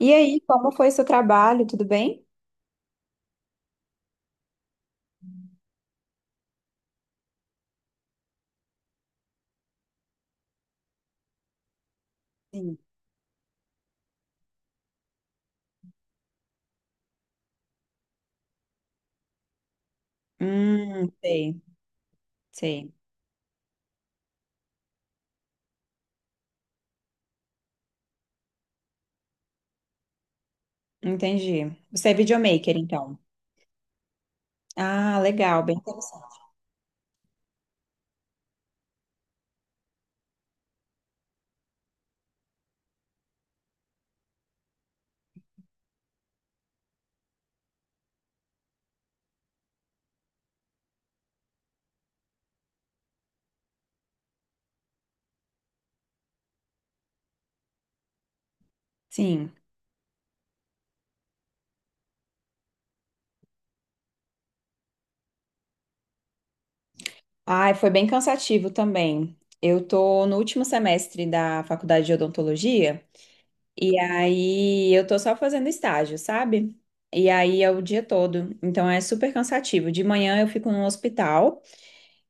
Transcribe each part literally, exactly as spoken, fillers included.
E aí, como foi seu trabalho? Tudo bem? Sim. Hum, sei, sei. Entendi. Você é videomaker, então. Ah, legal, bem interessante. Sim. Ai, foi bem cansativo também. Eu tô no último semestre da faculdade de odontologia e aí eu tô só fazendo estágio, sabe? E aí é o dia todo. Então é super cansativo. De manhã eu fico num hospital,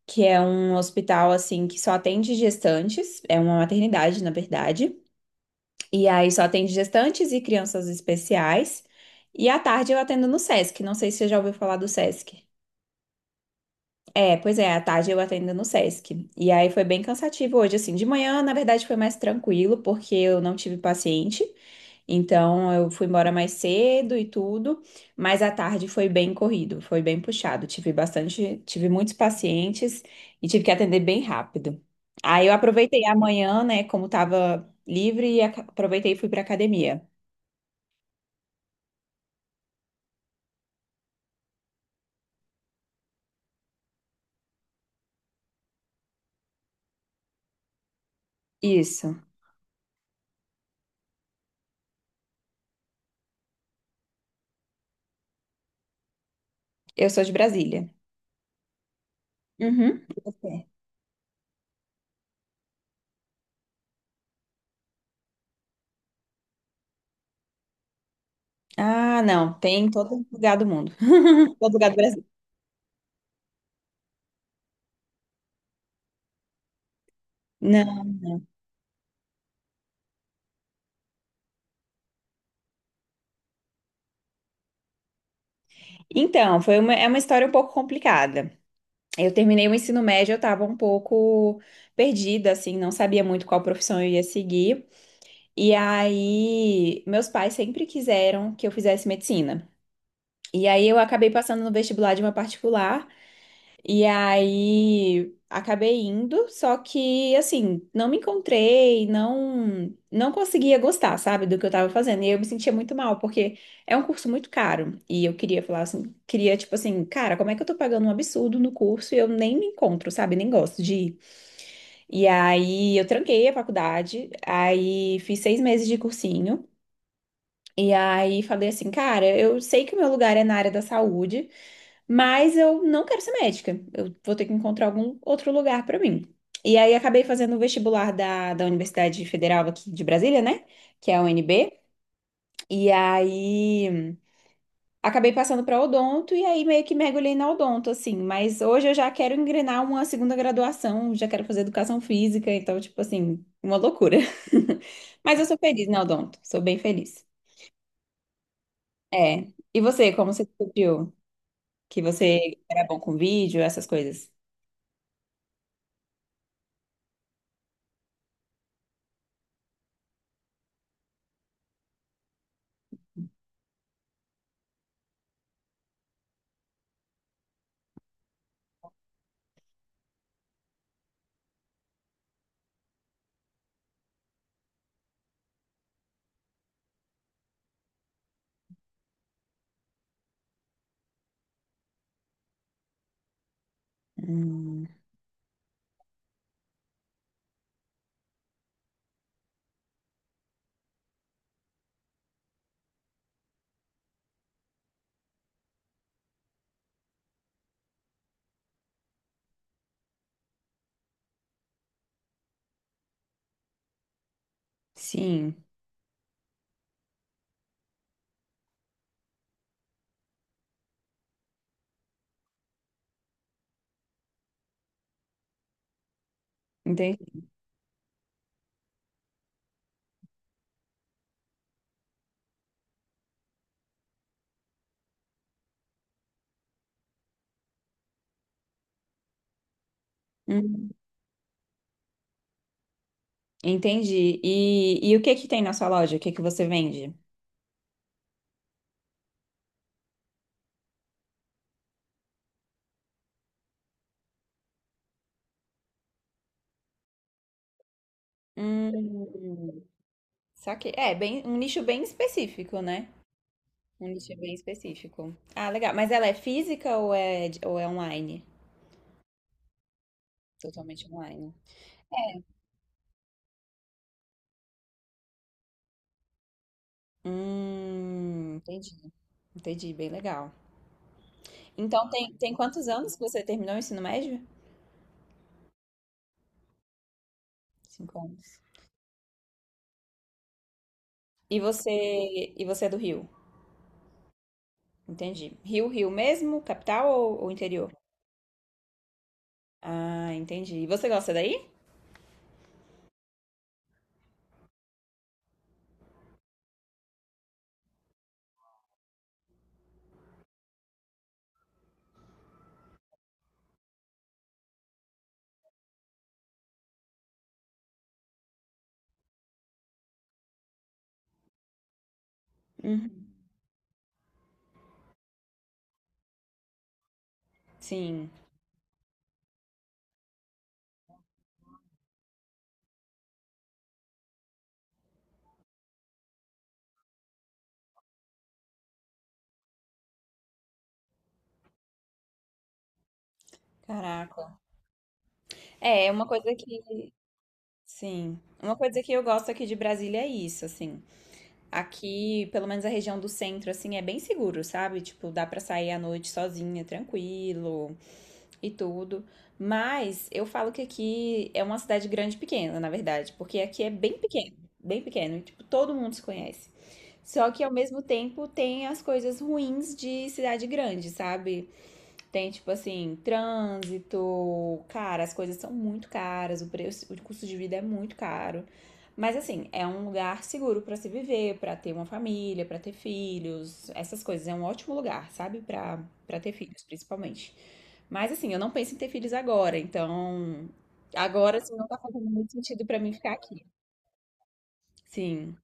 que é um hospital assim que só atende gestantes, é uma maternidade, na verdade. E aí só atende gestantes e crianças especiais. E à tarde eu atendo no Sesc. Não sei se você já ouviu falar do Sesc. É, pois é, à tarde eu atendo no Sesc. E aí foi bem cansativo hoje, assim. De manhã, na verdade, foi mais tranquilo, porque eu não tive paciente. Então eu fui embora mais cedo e tudo. Mas à tarde foi bem corrido, foi bem puxado. Tive bastante, tive muitos pacientes e tive que atender bem rápido. Aí eu aproveitei a manhã, né, como tava livre, e aca- aproveitei e fui pra academia. Isso. Eu sou de Brasília. Uhum. E você? Ah, não. Tem em todo um lugar do mundo. Todo lugar do Brasil. Não. Então, foi uma, é uma história um pouco complicada. Eu terminei o ensino médio, eu estava um pouco perdida, assim, não sabia muito qual profissão eu ia seguir. E aí, meus pais sempre quiseram que eu fizesse medicina. E aí, eu acabei passando no vestibular de uma particular. E aí acabei indo, só que assim, não me encontrei, não não conseguia gostar, sabe, do que eu tava fazendo. E eu me sentia muito mal, porque é um curso muito caro. E eu queria falar assim, queria tipo assim, cara, como é que eu tô pagando um absurdo no curso e eu nem me encontro, sabe? Nem gosto de ir. E aí eu tranquei a faculdade, aí fiz seis meses de cursinho. E aí falei assim, cara, eu sei que o meu lugar é na área da saúde. Mas eu não quero ser médica. Eu vou ter que encontrar algum outro lugar para mim. E aí acabei fazendo o vestibular da, da Universidade Federal aqui de Brasília, né? Que é a U N B. E aí acabei passando para odonto e aí meio que mergulhei na odonto, assim. Mas hoje eu já quero engrenar uma segunda graduação, já quero fazer educação física, então, tipo assim, uma loucura. Mas eu sou feliz na odonto, sou bem feliz. É. E você, como você descobriu que você era bom com vídeo, essas coisas? Hum. Sim, entendi. Hum, Entendi. E, e o que que tem na sua loja? O que que você vende? Hum, saquei. É, bem, um nicho bem específico, né? Um nicho bem específico. Ah, legal. Mas ela é física ou é, de- ou é online? Totalmente online. Hum, entendi. Entendi, bem legal. Então, tem, tem quantos anos que você terminou o ensino médio? Cinco anos. E você, e você é do Rio? Entendi. Rio, Rio mesmo? Capital ou, ou interior? Ah, entendi. E você gosta daí? Uhum. Sim. Caraca. É, uma coisa que. Sim. Uma coisa que eu gosto aqui de Brasília é isso, assim. Aqui, pelo menos a região do centro, assim, é bem seguro, sabe? Tipo, dá pra sair à noite sozinha, tranquilo e tudo. Mas eu falo que aqui é uma cidade grande e pequena, na verdade, porque aqui é bem pequeno, bem pequeno, e, tipo, todo mundo se conhece. Só que ao mesmo tempo tem as coisas ruins de cidade grande, sabe? Tem, tipo assim, trânsito. Cara, as coisas são muito caras, o preço, o custo de vida é muito caro. Mas assim, é um lugar seguro pra se viver, pra ter uma família, pra ter filhos, essas coisas. É um ótimo lugar, sabe? Pra para ter filhos, principalmente. Mas assim, eu não penso em ter filhos agora, então agora assim não tá fazendo muito sentido pra mim ficar aqui. Sim,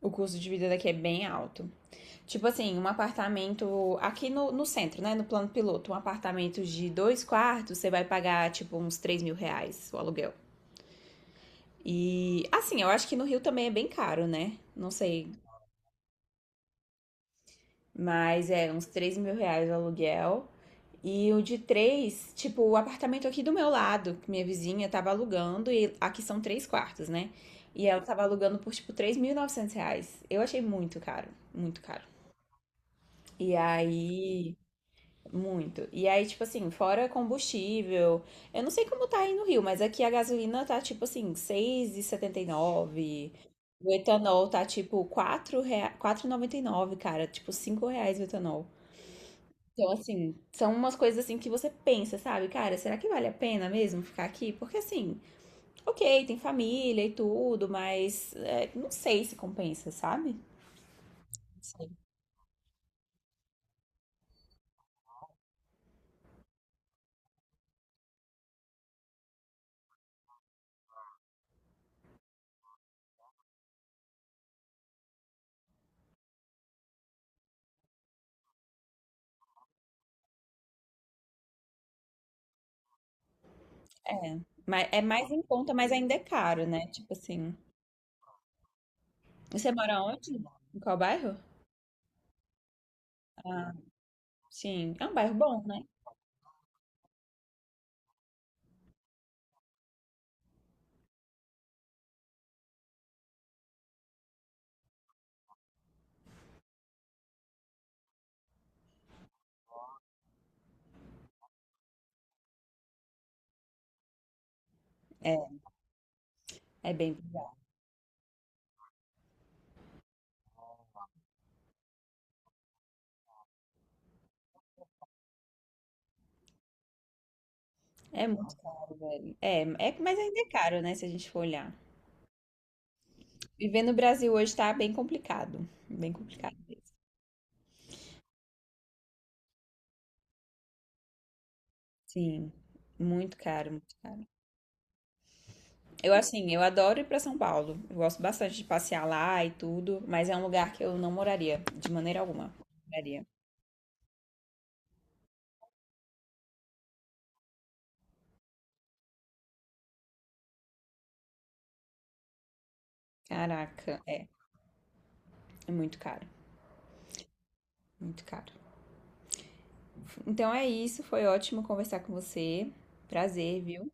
o custo de vida daqui é bem alto. Tipo assim, um apartamento aqui no, no centro, né? No plano piloto, um apartamento de dois quartos, você vai pagar, tipo, uns três mil reais o aluguel. E, assim, eu acho que no Rio também é bem caro, né? Não sei. Mas é uns três mil reais o aluguel. E o de três, tipo, o apartamento aqui do meu lado, que minha vizinha tava alugando, e aqui são três quartos, né? E ela tava alugando por, tipo, três mil e novecentos reais. Eu achei muito caro, muito caro. E aí, muito. E aí, tipo assim, fora combustível. Eu não sei como tá aí no Rio, mas aqui a gasolina tá tipo assim, seis e e setenta e nove. O etanol tá tipo quatro rea... quatro e noventa e nove, cara. Tipo, cinco reais o etanol. Então, assim, são umas coisas assim que você pensa, sabe? Cara, será que vale a pena mesmo ficar aqui? Porque assim, ok, tem família e tudo, mas é, não sei se compensa, sabe? Sim. Mas é mais em conta, mas ainda é caro, né? Tipo assim. Você mora onde? Em qual bairro? Sim, é um bairro bom, né? É, é bem, é muito caro, velho. É, é, mas ainda é caro, né, se a gente for olhar. Viver no Brasil hoje tá bem complicado, bem complicado mesmo. Sim, muito caro, muito caro. Eu assim, eu adoro ir pra São Paulo. Eu gosto bastante de passear lá e tudo, mas é um lugar que eu não moraria de maneira alguma. Moraria. Caraca, é, é muito caro, muito caro. Então é isso, foi ótimo conversar com você. Prazer, viu?